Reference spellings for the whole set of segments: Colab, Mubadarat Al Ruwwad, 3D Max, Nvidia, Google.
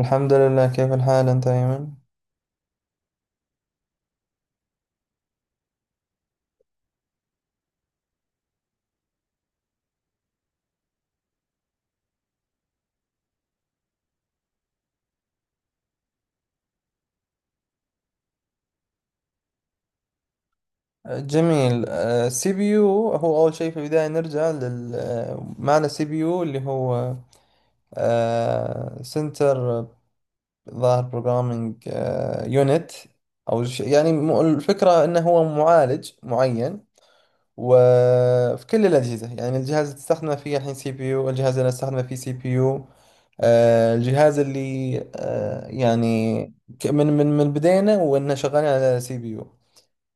الحمد لله، كيف الحال أنت أيمن؟ جميل. السي بي يو هو أول شيء، في البداية نرجع لل معنى سي بي يو اللي هو سنتر ظاهر بروجرامينج يونت. يعني الفكرة أنه هو معالج معين. وفي كل الأجهزة، يعني الجهاز اللي تستخدمه فيه الحين سي بي يو، الجهاز اللي أستخدمه فيه سي بي يو. الجهاز اللي يعني من بدينا وإنه شغالين على سي بي يو.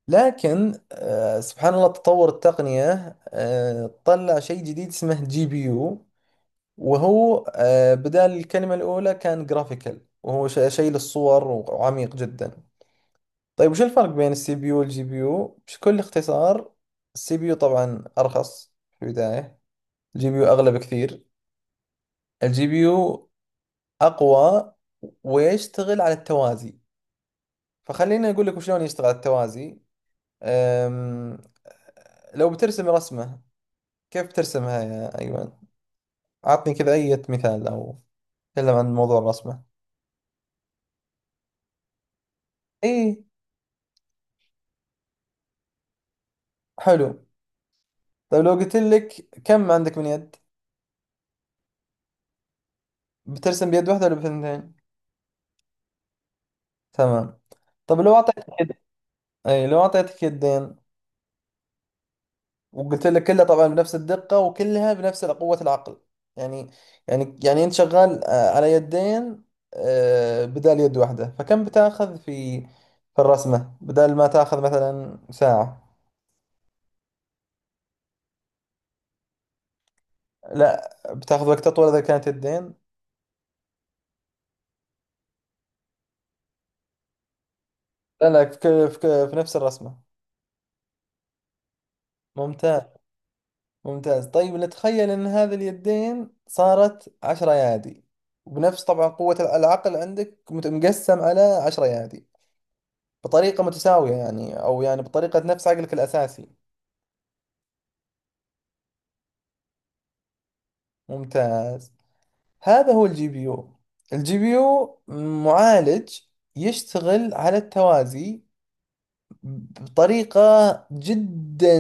لكن سبحان الله تطور التقنية، طلع شيء جديد اسمه جي بي يو. وهو بدال الكلمة الأولى كان جرافيكال، وهو شيء للصور وعميق جدا. طيب، وش الفرق بين السي بي يو والجي بي يو بكل اختصار؟ السي بي يو طبعا ارخص في البداية. الجي بي يو اغلى بكثير. الجي بي يو اقوى ويشتغل على التوازي. فخليني اقول لك وشلون يشتغل على التوازي. أم... لو بترسم رسمة، كيف بترسمها يا ايمن؟ اعطني كذا اي مثال، او تكلم عن موضوع الرسمة. اي. حلو. طيب، لو قلت لك كم عندك من يد؟ بترسم بيد واحدة ولا بثنتين؟ تمام. طب لو اعطيتك، اي، لو اعطيتك يدين، وقلت لك كلها طبعا بنفس الدقة وكلها بنفس قوة العقل. يعني، يعني انت شغال على يدين، بدال يد واحدة، فكم بتاخذ في، في الرسمة بدال ما تاخذ مثلا ساعة؟ لا، بتاخذ وقت اطول اذا كانت يدين. لا، لا، في نفس الرسمة. ممتاز. ممتاز. طيب، نتخيل ان هذه اليدين صارت عشر ايادي، وبنفس طبعا قوة العقل عندك مقسم على عشر ايادي بطريقة متساوية، يعني أو يعني بطريقة نفس عقلك الأساسي. ممتاز. هذا هو الجي بي يو. الجي بي يو معالج يشتغل على التوازي بطريقة، جدا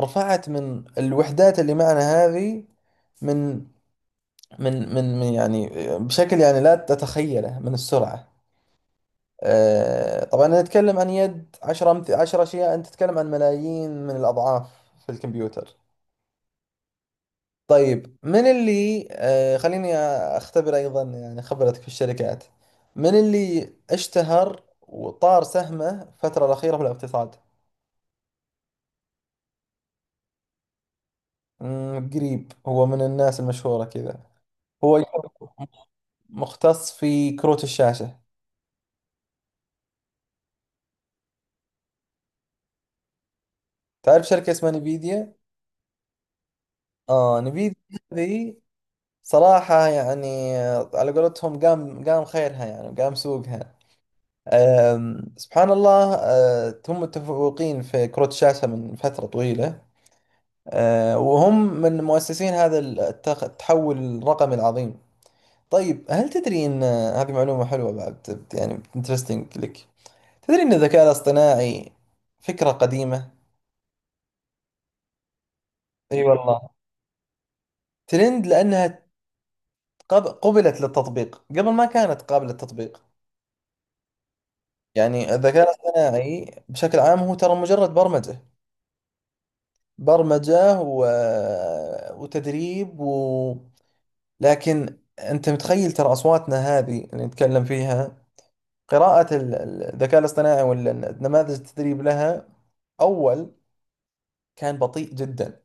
رفعت من الوحدات اللي معنا هذه، من من يعني بشكل يعني لا تتخيله من السرعة. طبعا أنا أتكلم عن يد، عشرة أشياء. أنت تتكلم عن ملايين من الأضعاف في الكمبيوتر. طيب، من اللي خليني اختبر ايضا يعني خبرتك في الشركات، من اللي اشتهر وطار سهمه الفترة الأخيرة في الاقتصاد؟ قريب. هو من الناس المشهورة كذا، هو يكون مختص في كروت الشاشة. تعرف شركة اسمها نيفيديا؟ اه، نيفيديا. هذه صراحة يعني على قولتهم قام خيرها، يعني قام سوقها. سبحان الله، هم متفوقين في كروت الشاشة من فترة طويلة. وهم من مؤسسين هذا التحول الرقمي العظيم. طيب، هل تدري أن هذه معلومة حلوة بعد، يعني انترستنج لك؟ تدري أن الذكاء الاصطناعي فكرة قديمة؟ اي والله. ترند لأنها قبلت للتطبيق قبل ما كانت قابلة للتطبيق. يعني الذكاء الاصطناعي بشكل عام هو ترى مجرد برمجة. برمجة وتدريب لكن أنت متخيل ترى أصواتنا هذه اللي نتكلم فيها، قراءة الذكاء الاصطناعي، ولا نماذج التدريب لها، أول كان بطيء جدا.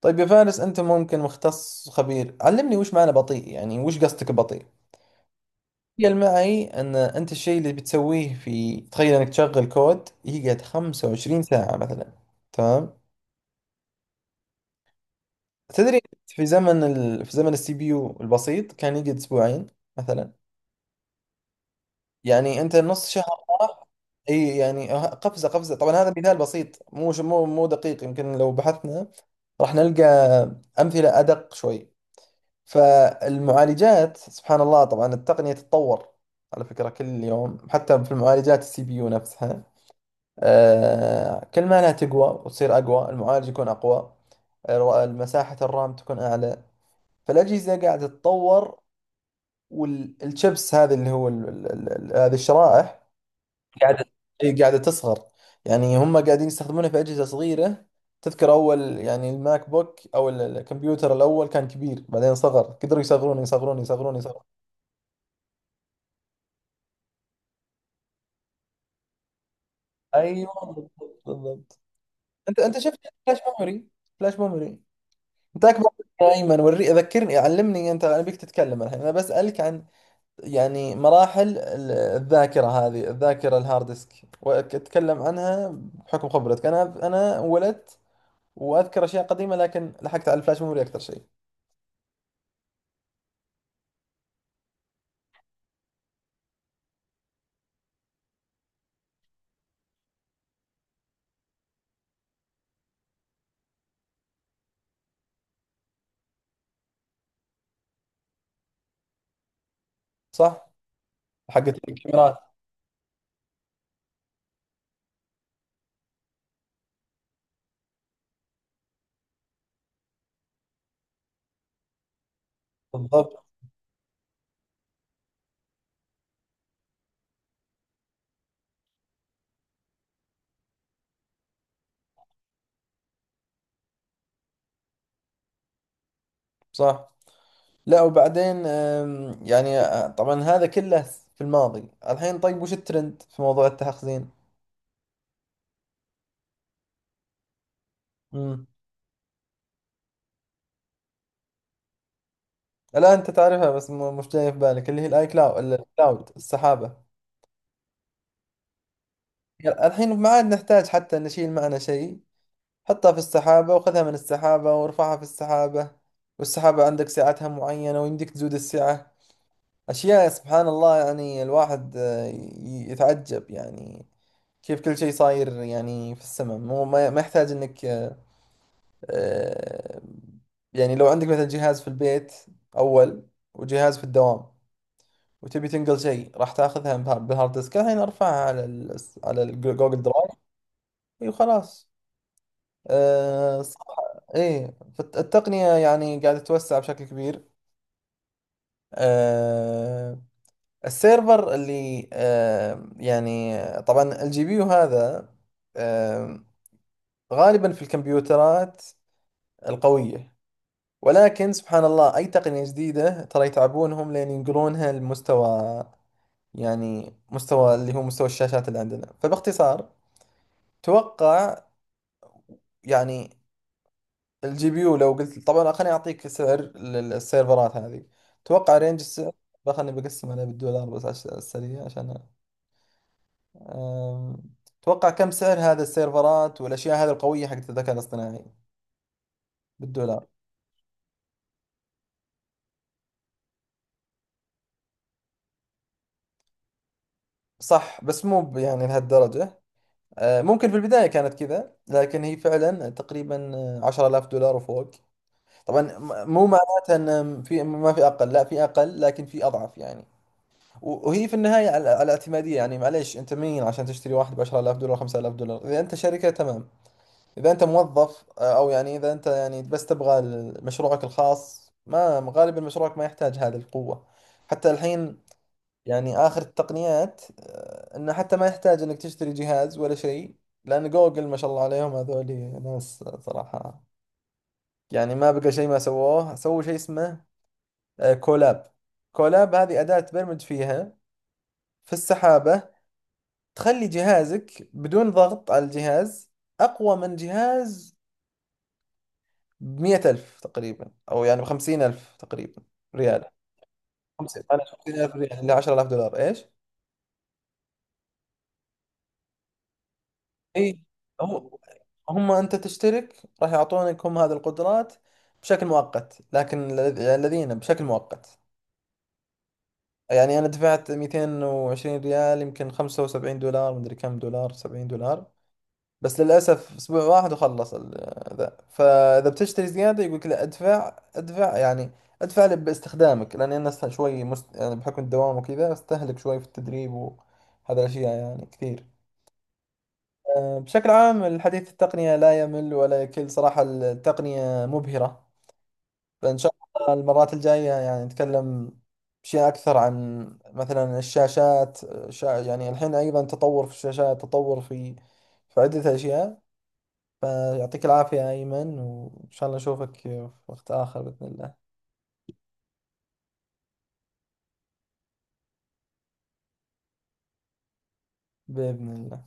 طيب يا فارس، أنت ممكن مختص خبير، علمني وش معنى بطيء، يعني وش قصدك بطيء؟ تخيل معي أن أنت الشيء اللي بتسويه في، تخيل أنك تشغل كود يقعد 25 ساعة مثلا. تمام. تدري؟ في زمن السي بي يو البسيط كان يقعد أسبوعين مثلا. يعني انت نص شهر راح. اي، يعني قفزه، قفزه. طبعا هذا مثال بسيط، مو دقيق، يمكن لو بحثنا راح نلقى امثله ادق شوي. فالمعالجات سبحان الله، طبعا التقنيه تتطور على فكره كل يوم، حتى في المعالجات السي بي يو نفسها. كل ما لها تقوى وتصير اقوى، المعالج يكون اقوى، مساحه الرام تكون اعلى. فالاجهزه قاعده تتطور. والشيبس هذه اللي هو هذه الشرائح، قاعدة، هي قاعدة تصغر. يعني هم قاعدين يستخدمونها في أجهزة صغيرة. تذكر أول يعني الماك بوك أو الكمبيوتر الأول كان كبير، بعدين صغر، قدروا يصغرون يصغرون يصغرون يصغرون. أيوه، بالضبط، بالضبط. أنت شفت فلاش ميموري، فلاش ميموري. أنت أكبر مني يا أيمن، وري، أذكرني، علمني أنت، أنا بيك تتكلم الحين، أنا بسألك عن يعني مراحل الذاكرة، هذه الذاكرة، الهارد ديسك. وأتكلم عنها بحكم خبرتك. أنا ولدت واذكر اشياء قديمه، لكن لحقت على الفلاش ميموري اكثر شيء. صح. حقت الكاميرات. بالضبط. صح. لا، وبعدين يعني طبعا هذا كله في الماضي. الحين طيب، وش الترند في موضوع التخزين؟ امم الان انت تعرفها بس، مش جاي في بالك اللي هي الاي كلاود، الكلاود، السحابه. يعني الحين ما عاد نحتاج حتى نشيل معنا شيء، حطها في السحابه وخذها من السحابه وارفعها في السحابه. والسحابه عندك سعتها معينه، ويمديك تزود السعه. أشياء سبحان الله، يعني الواحد يتعجب يعني، كيف كل شيء صاير يعني في السماء، مو ما يحتاج إنك آه، يعني. لو عندك مثلا جهاز في البيت أول، وجهاز في الدوام، وتبي تنقل شيء، راح تاخذها بالهارد ديسك. الحين ارفعها على على الجوجل درايف. اي، وخلاص. صح. ايه، فالتقنية يعني قاعدة تتوسع بشكل كبير. آه، السيرفر اللي يعني، طبعا الجي بي يو هذا آه، غالبا في الكمبيوترات القوية. ولكن سبحان الله، أي تقنية جديدة ترى يتعبونهم لين ينقلونها لمستوى، يعني مستوى اللي هو مستوى الشاشات اللي عندنا. فباختصار، توقع يعني الجي بي يو، لو قلت طبعا، خليني أعطيك سعر للسيرفرات هذه. توقع رينج السعر. خليني بقسم عليه بالدولار بس عشان السريع، عشان أم، توقع كم سعر هذا السيرفرات والأشياء هذه القوية حقت الذكاء الاصطناعي بالدولار؟ صح، بس مو يعني لهالدرجة. ممكن في البداية كانت كذا، لكن هي فعلا تقريبا $10,000 وفوق. طبعا مو معناتها أن في، ما في أقل، لا في أقل، لكن في أضعف يعني. وهي في النهاية على اعتمادية. يعني معليش، أنت مين عشان تشتري واحد ب $10,000، $5,000؟ إذا أنت شركة تمام. إذا أنت موظف، أو يعني إذا أنت يعني بس تبغى مشروعك الخاص، ما غالبا مشروعك ما يحتاج هذه القوة حتى الحين. يعني آخر التقنيات إنه حتى ما يحتاج إنك تشتري جهاز ولا شيء، لأن جوجل ما شاء الله عليهم، هذول ناس صراحة، يعني ما بقى شيء ما سووه. سووا شيء اسمه كولاب. كولاب هذه أداة تبرمج فيها في السحابة، تخلي جهازك بدون ضغط على الجهاز، أقوى من جهاز بمية ألف تقريبا، أو يعني بخمسين ألف تقريبا، ريال. خمسين، معلش، 50,000 ريال اللي $10,000، إيش؟ اي. هم هم أنت تشترك راح يعطونك هم هذه القدرات بشكل مؤقت، لكن الذين بشكل مؤقت. يعني أنا دفعت 220 ريال، يمكن 75 دولار، مدري كم دولار، 70 دولار. بس للأسف أسبوع واحد وخلص ذا. فإذا بتشتري زيادة يقولك لا، أدفع أدفع يعني، أدفع لي باستخدامك، لأني أنا شوي يعني بحكم الدوام وكذا أستهلك شوي في التدريب وهذا الأشياء يعني كثير. بشكل عام، الحديث التقنية لا يمل ولا يكل. صراحة التقنية مبهرة. فإن شاء الله المرات الجاية يعني نتكلم أشياء أكثر عن، مثلا، الشاشات. يعني الحين أيضا تطور في الشاشات، تطور في عدة أشياء. فيعطيك العافية يا أيمن، وإن شاء الله نشوفك في وقت آخر بإذن الله. بإذن الله.